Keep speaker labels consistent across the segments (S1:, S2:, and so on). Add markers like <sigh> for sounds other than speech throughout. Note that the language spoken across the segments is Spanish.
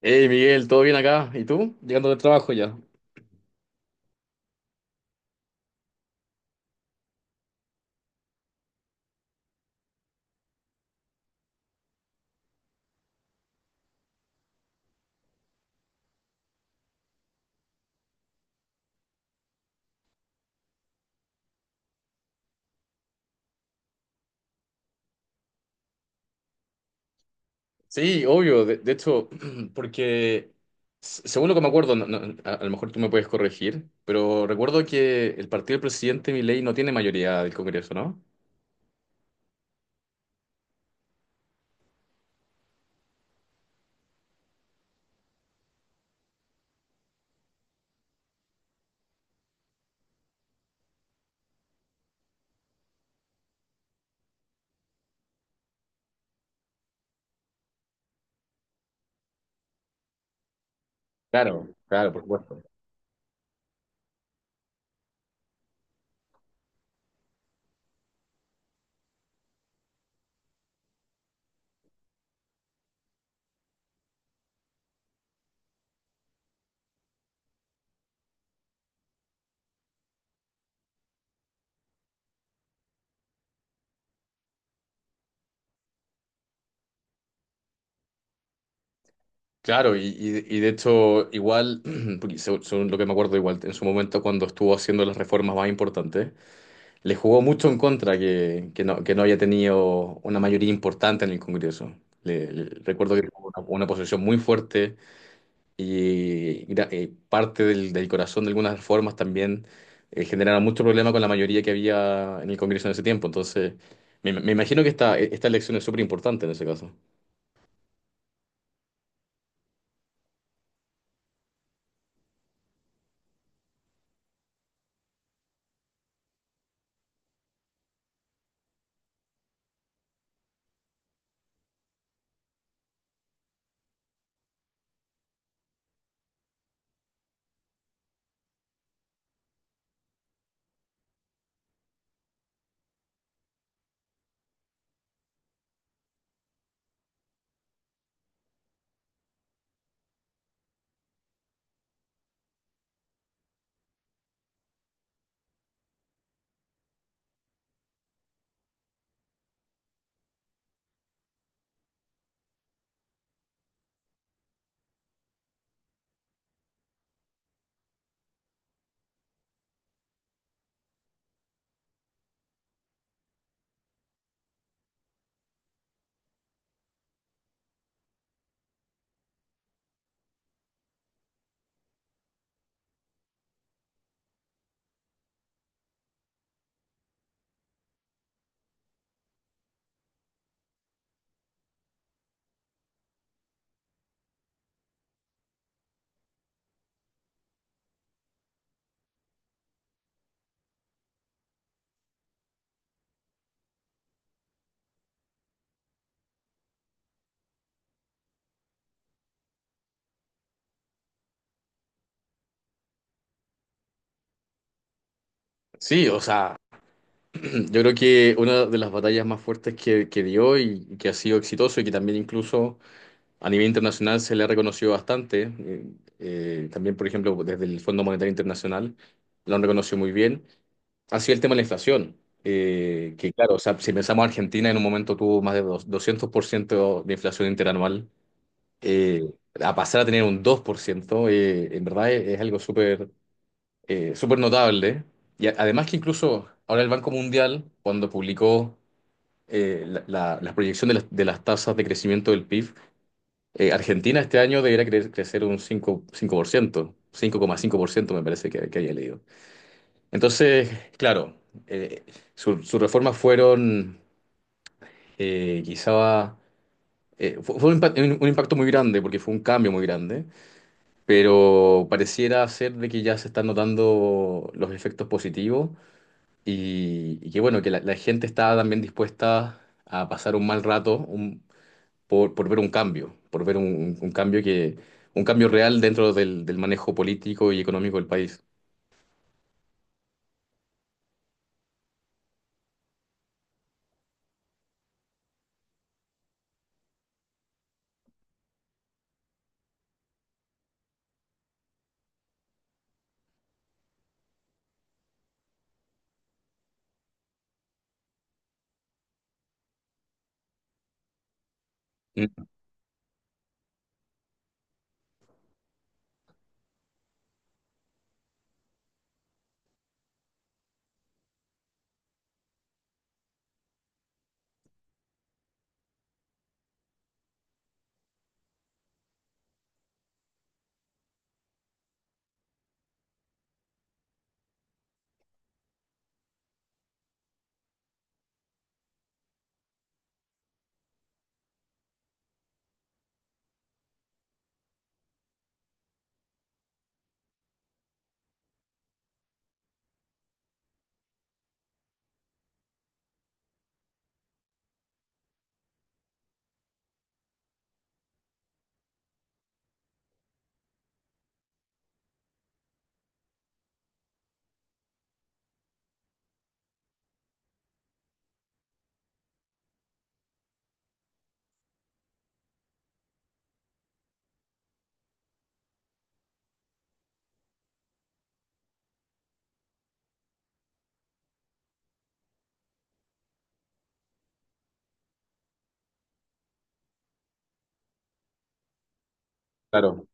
S1: Hey Miguel, ¿todo bien acá? ¿Y tú? Llegando del trabajo ya. Sí, obvio, de hecho, <clears throat> porque según lo que me acuerdo, no- no, a lo mejor tú me puedes corregir, pero recuerdo que el partido del presidente Milei no tiene mayoría del Congreso, ¿no? Claro, claro, por supuesto. Claro, y de hecho, igual, <clears throat> porque según lo que me acuerdo, igual en su momento cuando estuvo haciendo las reformas más importantes. Le jugó mucho en contra que no haya tenido una mayoría importante en el Congreso. Recuerdo que tuvo una posición muy fuerte y, parte del corazón de algunas reformas también generaron mucho problema con la mayoría que había en el Congreso en ese tiempo. Entonces, me imagino que esta elección es súper importante en ese caso. Sí, o sea, <clears throat> yo creo que una de las batallas más fuertes que dio y que ha sido exitoso y que también incluso a nivel internacional se le ha reconocido bastante. También, por ejemplo, desde el Fondo Monetario Internacional lo han reconocido muy bien. Ha sido el tema de la inflación, que claro, o sea, si pensamos Argentina, en un momento tuvo más de 200% de inflación interanual, eh, a pasar a tener un 2%. En verdad es algo súper súper notable. Y además que incluso ahora el Banco Mundial, cuando publicó la proyección de las tasas de crecimiento del PIB, Argentina este año debería crecer un 5,5%, me parece que había leído. Entonces, claro, eh, sus reformas fueron eh, quizá... fue un impacto muy grande porque fue un cambio muy grande, pero pareciera ser de que ya se están notando los efectos positivos y, que bueno, que la gente está también dispuesta a pasar un mal rato, por ver un cambio, por ver un cambio real dentro del manejo político y económico del país. Mm. Claro.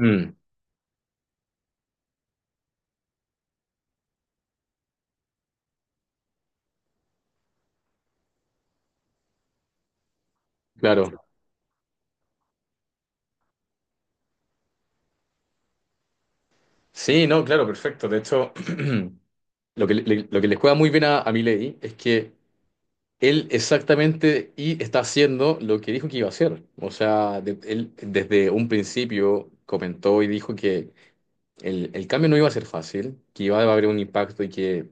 S1: Mm, claro. Sí, no, claro, perfecto. De hecho, <clears throat> lo que les juega muy bien a, Milei es que él exactamente y está haciendo lo que dijo que iba a hacer. O sea, él desde un principio comentó y dijo que el cambio no iba a ser fácil, que iba a haber un impacto y que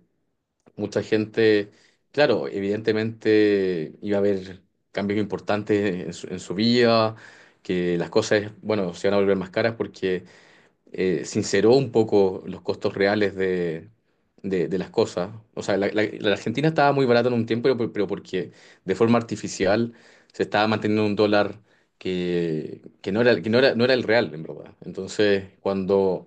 S1: mucha gente, claro, evidentemente iba a haber cambios importantes en su vida, que las cosas, bueno, se van a volver más caras porque sinceró un poco los costos reales de las cosas. O sea, la Argentina estaba muy barata en un tiempo, pero porque de forma artificial se estaba manteniendo un dólar que no era, no era el real, en verdad. Entonces, cuando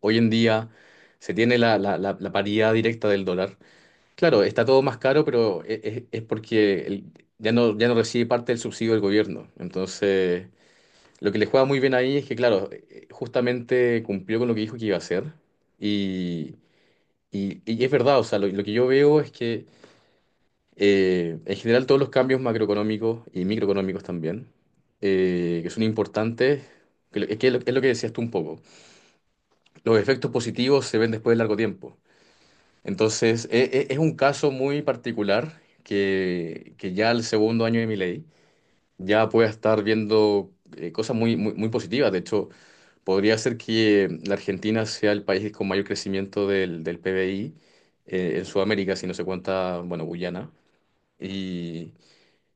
S1: hoy en día se tiene la paridad directa del dólar. Claro, está todo más caro, pero es, porque ya no, ya no recibe parte del subsidio del gobierno. Entonces, lo que le juega muy bien ahí es que, claro, justamente cumplió con lo que dijo que iba a hacer. Y, es verdad, o sea, lo que yo veo es que en general todos los cambios macroeconómicos y microeconómicos también, que son importantes, es lo que decías tú un poco, los efectos positivos se ven después de largo tiempo. Entonces, es un caso muy particular que ya al segundo año de mi ley ya pueda estar viendo cosas muy, muy, muy positivas. De hecho, podría ser que la Argentina sea el país con mayor crecimiento del PBI en Sudamérica, si no se cuenta, bueno, Guyana. Y,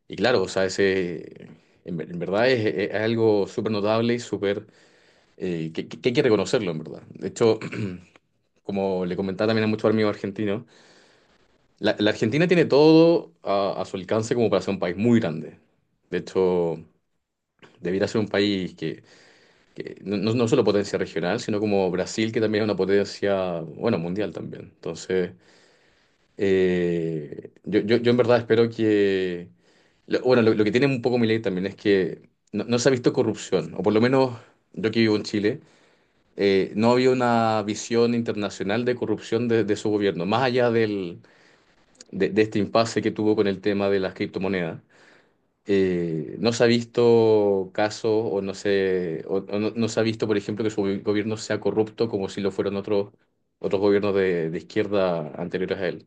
S1: y claro, o sea, en verdad es algo súper notable y súper, que hay que reconocerlo, en verdad. De hecho, <clears throat> como le comentaba también a muchos amigos argentinos, la Argentina tiene todo a, su alcance como para ser un país muy grande. De hecho, debiera ser un país que no solo potencia regional, sino como Brasil, que también es una potencia, bueno, mundial también. Entonces, yo en verdad espero que... bueno, lo que tiene un poco mi ley también es que no se ha visto corrupción, o por lo menos yo que vivo en Chile, no había una visión internacional de corrupción de su gobierno, más allá del de este impasse que tuvo con el tema de las criptomonedas. No se ha visto casos o no, no se ha visto, por ejemplo, que su gobierno sea corrupto como si lo fueron otros, gobiernos de izquierda anteriores a él.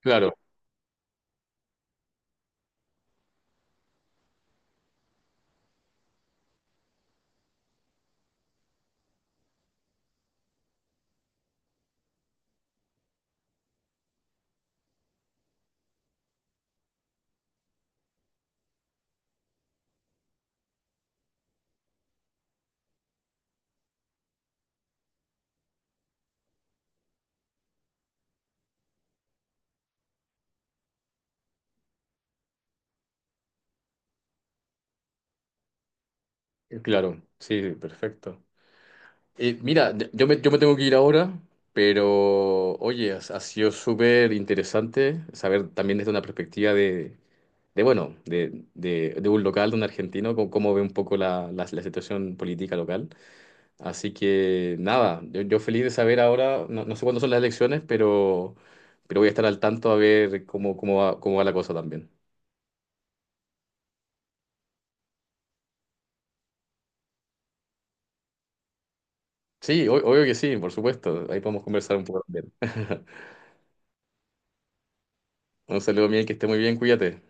S1: Claro, claro, sí, perfecto. Mira, yo me tengo que ir ahora, pero oye, ha sido súper interesante saber también desde una perspectiva de, de un local, de un argentino, cómo ve un poco la situación política local. Así que nada, yo feliz de saber ahora, no sé cuándo son las elecciones, pero voy a estar al tanto a ver cómo va la cosa también. Sí, obvio que sí, por supuesto, ahí podemos conversar un poco también. <laughs> Un saludo, Miguel, que esté muy bien, cuídate.